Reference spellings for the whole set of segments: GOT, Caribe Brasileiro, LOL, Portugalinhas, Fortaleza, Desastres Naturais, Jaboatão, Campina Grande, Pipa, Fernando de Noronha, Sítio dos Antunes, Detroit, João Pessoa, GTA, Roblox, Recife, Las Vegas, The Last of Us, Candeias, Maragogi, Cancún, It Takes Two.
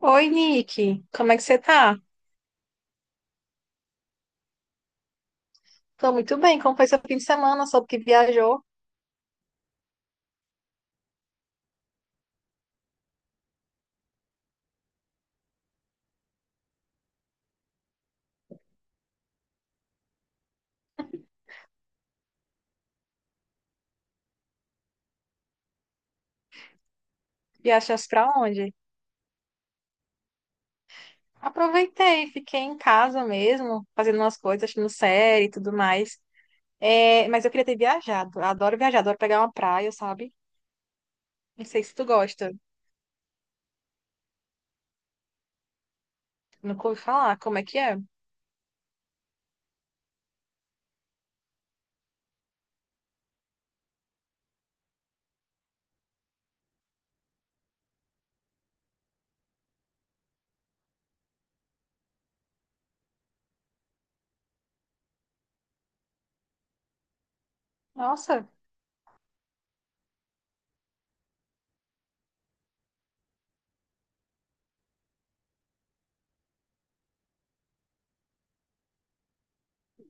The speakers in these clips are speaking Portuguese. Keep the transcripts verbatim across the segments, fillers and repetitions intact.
Oi, Nick. Como é que você tá? Tô muito bem. Como foi seu fim de semana? Soube que viajou. Viajaste pra onde? Aproveitei, fiquei em casa mesmo, fazendo umas coisas, assistindo série e tudo mais. É, mas eu queria ter viajado. Eu adoro viajar, adoro pegar uma praia, sabe? Não sei se tu gosta. Nunca ouvi falar. Como é que é? Nossa,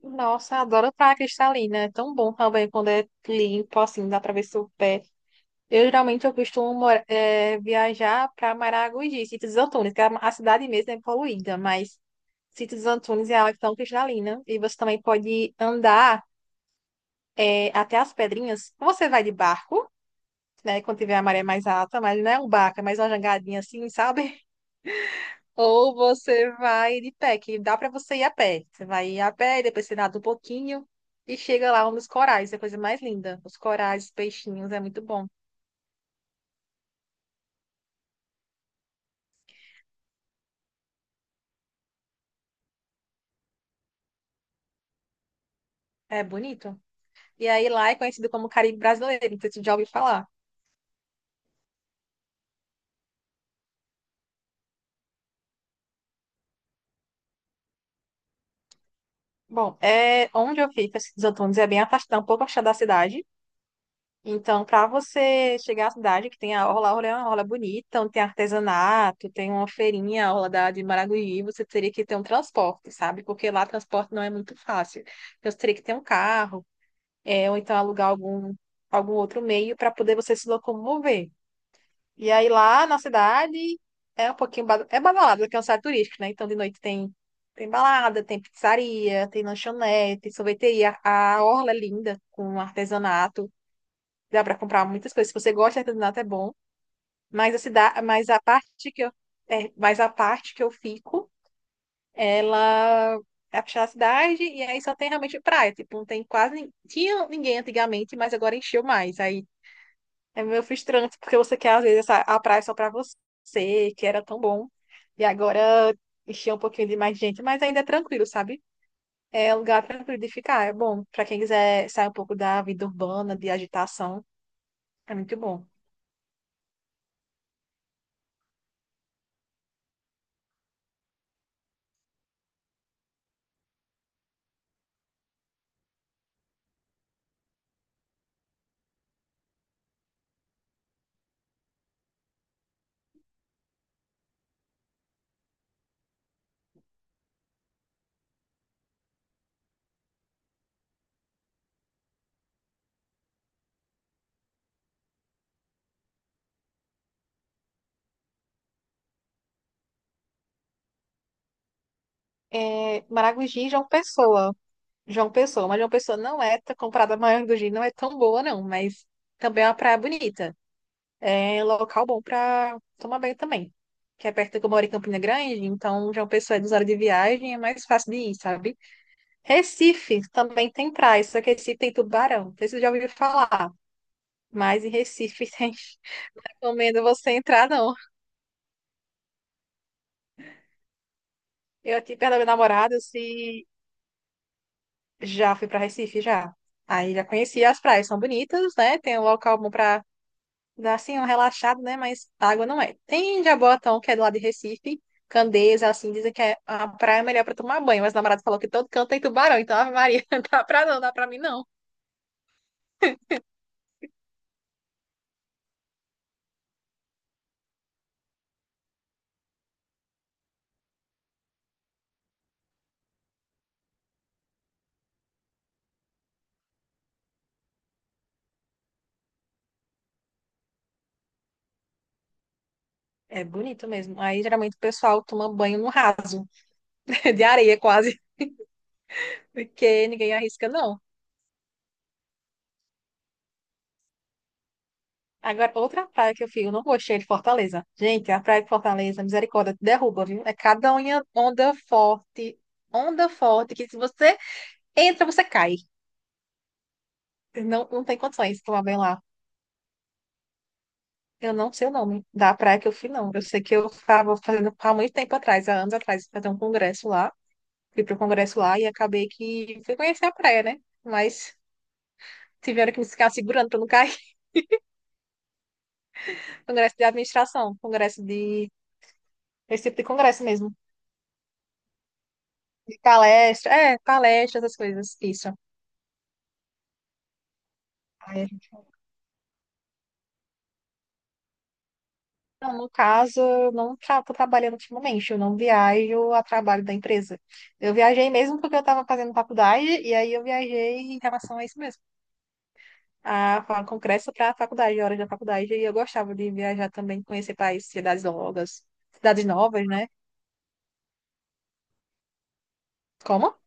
nossa, adoro praia cristalina. É tão bom também quando é limpo, assim, dá pra ver seu pé. Eu geralmente eu costumo mora- eh, viajar para Maragogi, Sítio dos Antunes, que é a cidade mesmo é poluída, mas Sítio dos Antunes é água tão cristalina e você também pode andar eh, até as pedrinhas. Você vai de barco, né, quando tiver a maré mais alta, mas não é um barco, é mais uma jangadinha assim, sabe? Ou você vai de pé, que dá para você ir a pé. Você vai ir a pé, depois você nada um pouquinho e chega lá nos corais, é a coisa mais linda. Os corais, os peixinhos, é muito bom. É bonito. E aí lá é conhecido como Caribe Brasileiro, não sei se você já ouviu falar. Bom, é onde eu fico, esses Antunes, é bem afastado, um pouco afastado da cidade. Então, para você chegar à cidade, que tem a orla, a orla é uma orla bonita, onde tem artesanato, tem uma feirinha, a orla da, de Maragogi, você teria que ter um transporte, sabe? Porque lá transporte não é muito fácil. Então, você teria que ter um carro, é, ou então alugar algum, algum outro meio para poder você se locomover. E aí lá na cidade é um pouquinho ba- é badalado, porque é um site turístico, né? Então de noite tem tem balada, tem pizzaria, tem lanchonete, sorveteria, a orla é linda com artesanato, dá para comprar muitas coisas. Se você gosta de artesanato é bom, mas a cidade, mas a parte que eu é, mas a parte que eu fico, ela é puxar a cidade e aí só tem realmente praia, tipo, não tem quase nin- tinha ninguém antigamente, mas agora encheu mais. Aí é meio frustrante, porque você quer, às vezes, essa, a praia só pra você, que era tão bom. E agora encher um pouquinho de mais gente, mas ainda é tranquilo, sabe? É um lugar tranquilo de ficar. É bom pra quem quiser sair um pouco da vida urbana, de agitação. É muito bom. É, Maragogi e João Pessoa. João Pessoa, mas João Pessoa não é, comparada a Maragogi, não é tão boa, não, mas também é uma praia bonita. É local bom para tomar banho também. Que é perto que eu moro em Campina Grande, então já é uma pessoa é horas de viagem, é mais fácil de ir, sabe? Recife também tem praia, só que Recife tem tubarão. Não sei se você já ouviu falar, mas em Recife tem. Não recomendo você entrar, não. Eu aqui perto da minha namorada, se já fui para Recife, já. Aí já conheci as praias, são bonitas, né? Tem um local bom para dá assim um relaxado, né? Mas água não é. Tem Jaboatão, que é do lado de Recife. Candeias, assim, dizem que é a praia é melhor para tomar banho. Mas o namorado falou que todo canto tem tubarão. Então, Ave Maria, não dá pra não, dá pra mim não. É bonito mesmo. Aí, geralmente, o pessoal toma banho no raso, de areia quase. Porque ninguém arrisca, não. Agora, outra praia que eu fico, eu não gostei é de Fortaleza. Gente, a praia de Fortaleza, misericórdia, te derruba, viu? É cada unha- onda forte, onda forte, que se você entra, você cai. Não, não tem condições de tomar banho lá. Eu não sei o nome da praia que eu fui, não. Eu sei que eu estava fazendo há muito tempo atrás, há anos atrás, fazer um congresso lá. Fui para o congresso lá e acabei que fui conhecer a praia, né? Mas tiveram que me ficar segurando para não cair. Congresso de administração, congresso de. Esse tipo de congresso mesmo. De palestra, é, palestra, essas coisas. Isso. Aí a gente- Não, no caso, eu não estou trabalhando ultimamente, eu não viajo a trabalho da empresa. Eu viajei mesmo porque eu estava fazendo faculdade, e aí eu viajei em relação a isso mesmo. A fa- congresso para a faculdade, horas da faculdade, e eu gostava de viajar também, conhecer países, cidades longas, cidades novas, né? Como?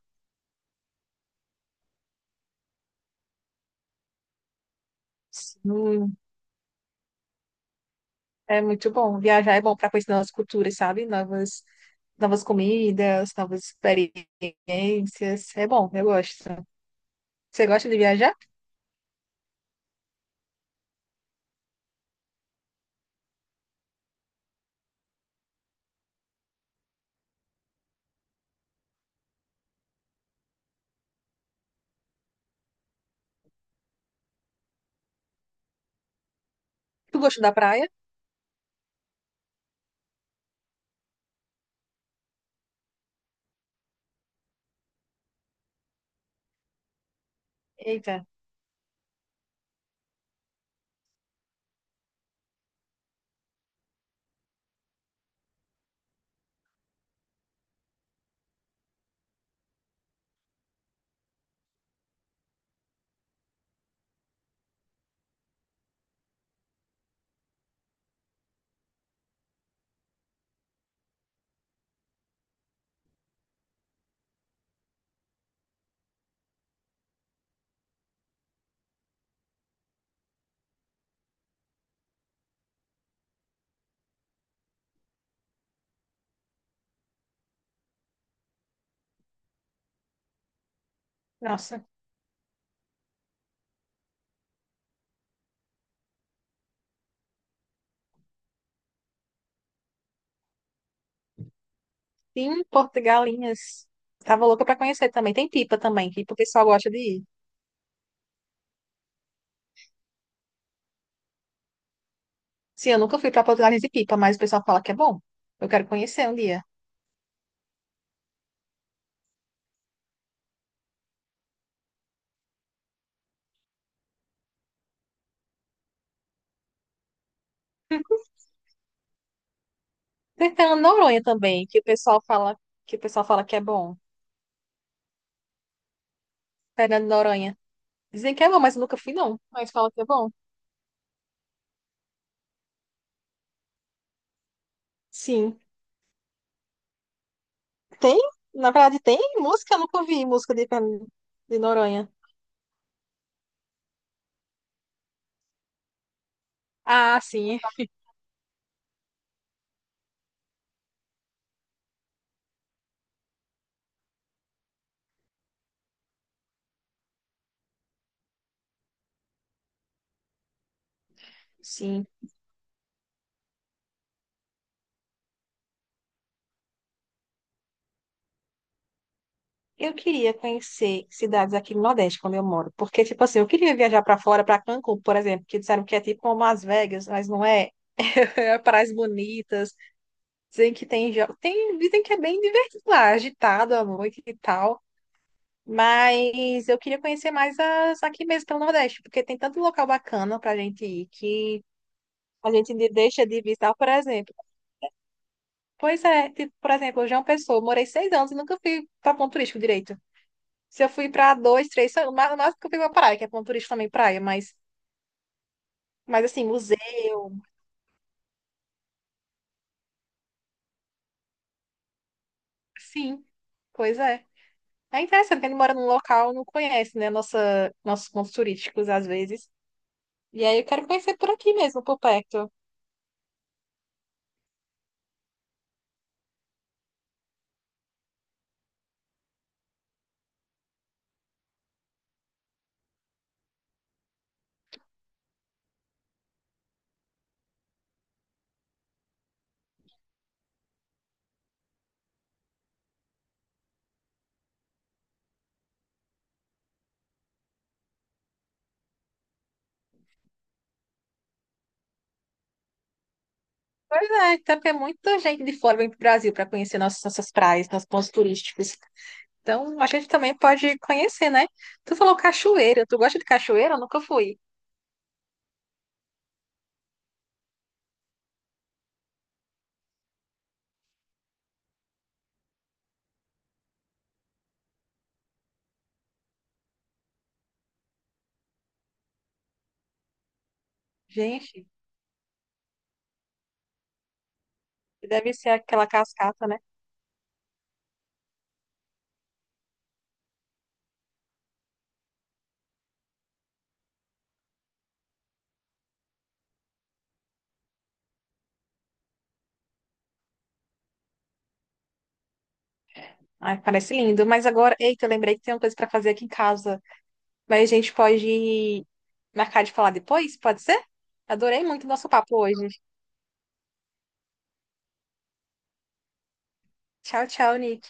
Sim, é muito bom. Viajar é bom para conhecer novas culturas, sabe? Novas, novas comidas, novas experiências. É bom, eu gosto. Você gosta de viajar? Tu gosta da praia? Eita, nossa. Sim, Portugalinhas. Tava louca para conhecer também. Tem Pipa também, que o pessoal gosta de ir. Sim, eu nunca fui para Portugalinhas e Pipa, mas o pessoal fala que é bom. Eu quero conhecer um dia. Tem Fernando de Noronha também, que o pessoal fala que o pessoal fala que é bom. Fernando de Noronha. Dizem que é bom, mas eu nunca fui, não. Mas fala que é bom. Sim. Tem? Na verdade, tem música? Eu nunca ouvi música de, Fernando- de Noronha. Ah, sim. Sim. Eu queria conhecer cidades aqui no Nordeste, quando eu moro. Porque, tipo assim, eu queria viajar pra fora, pra Cancún, por exemplo, que disseram que é tipo como Las Vegas, mas não é. É praias bonitas. Dizem que tem, jo- tem, dizem que é bem divertido lá, agitado à noite e tal. Mas eu queria conhecer mais as aqui mesmo pelo Nordeste, porque tem tanto local bacana pra gente ir que a gente de- deixa de visitar, por exemplo. Pois é, tipo, por exemplo, João Pessoa, eu morei seis anos e nunca fui pra ponto turístico direito. Se eu fui pra dois, três, só- o ma- o máximo que eu fui pra praia, que é ponto turístico também praia, mas, mas assim, museu, sim, pois é. É interessante que a gente mora num local, não conhece, né, nossa, nossos pontos turísticos às vezes. E aí eu quero conhecer por aqui mesmo, por perto. Pois é, até porque muita gente de fora vem para o Brasil para conhecer nossas, nossas praias, nossos pontos turísticos. Então, a gente também pode conhecer, né? Tu falou cachoeira. Tu gosta de cachoeira? Eu nunca fui. Gente, deve ser aquela cascata, né? Ai, parece lindo. Mas agora, eita, eu lembrei que tem uma coisa para fazer aqui em casa. Mas a gente pode marcar de falar depois? Pode ser? Adorei muito o nosso papo hoje. Tchau, tchau, Nick.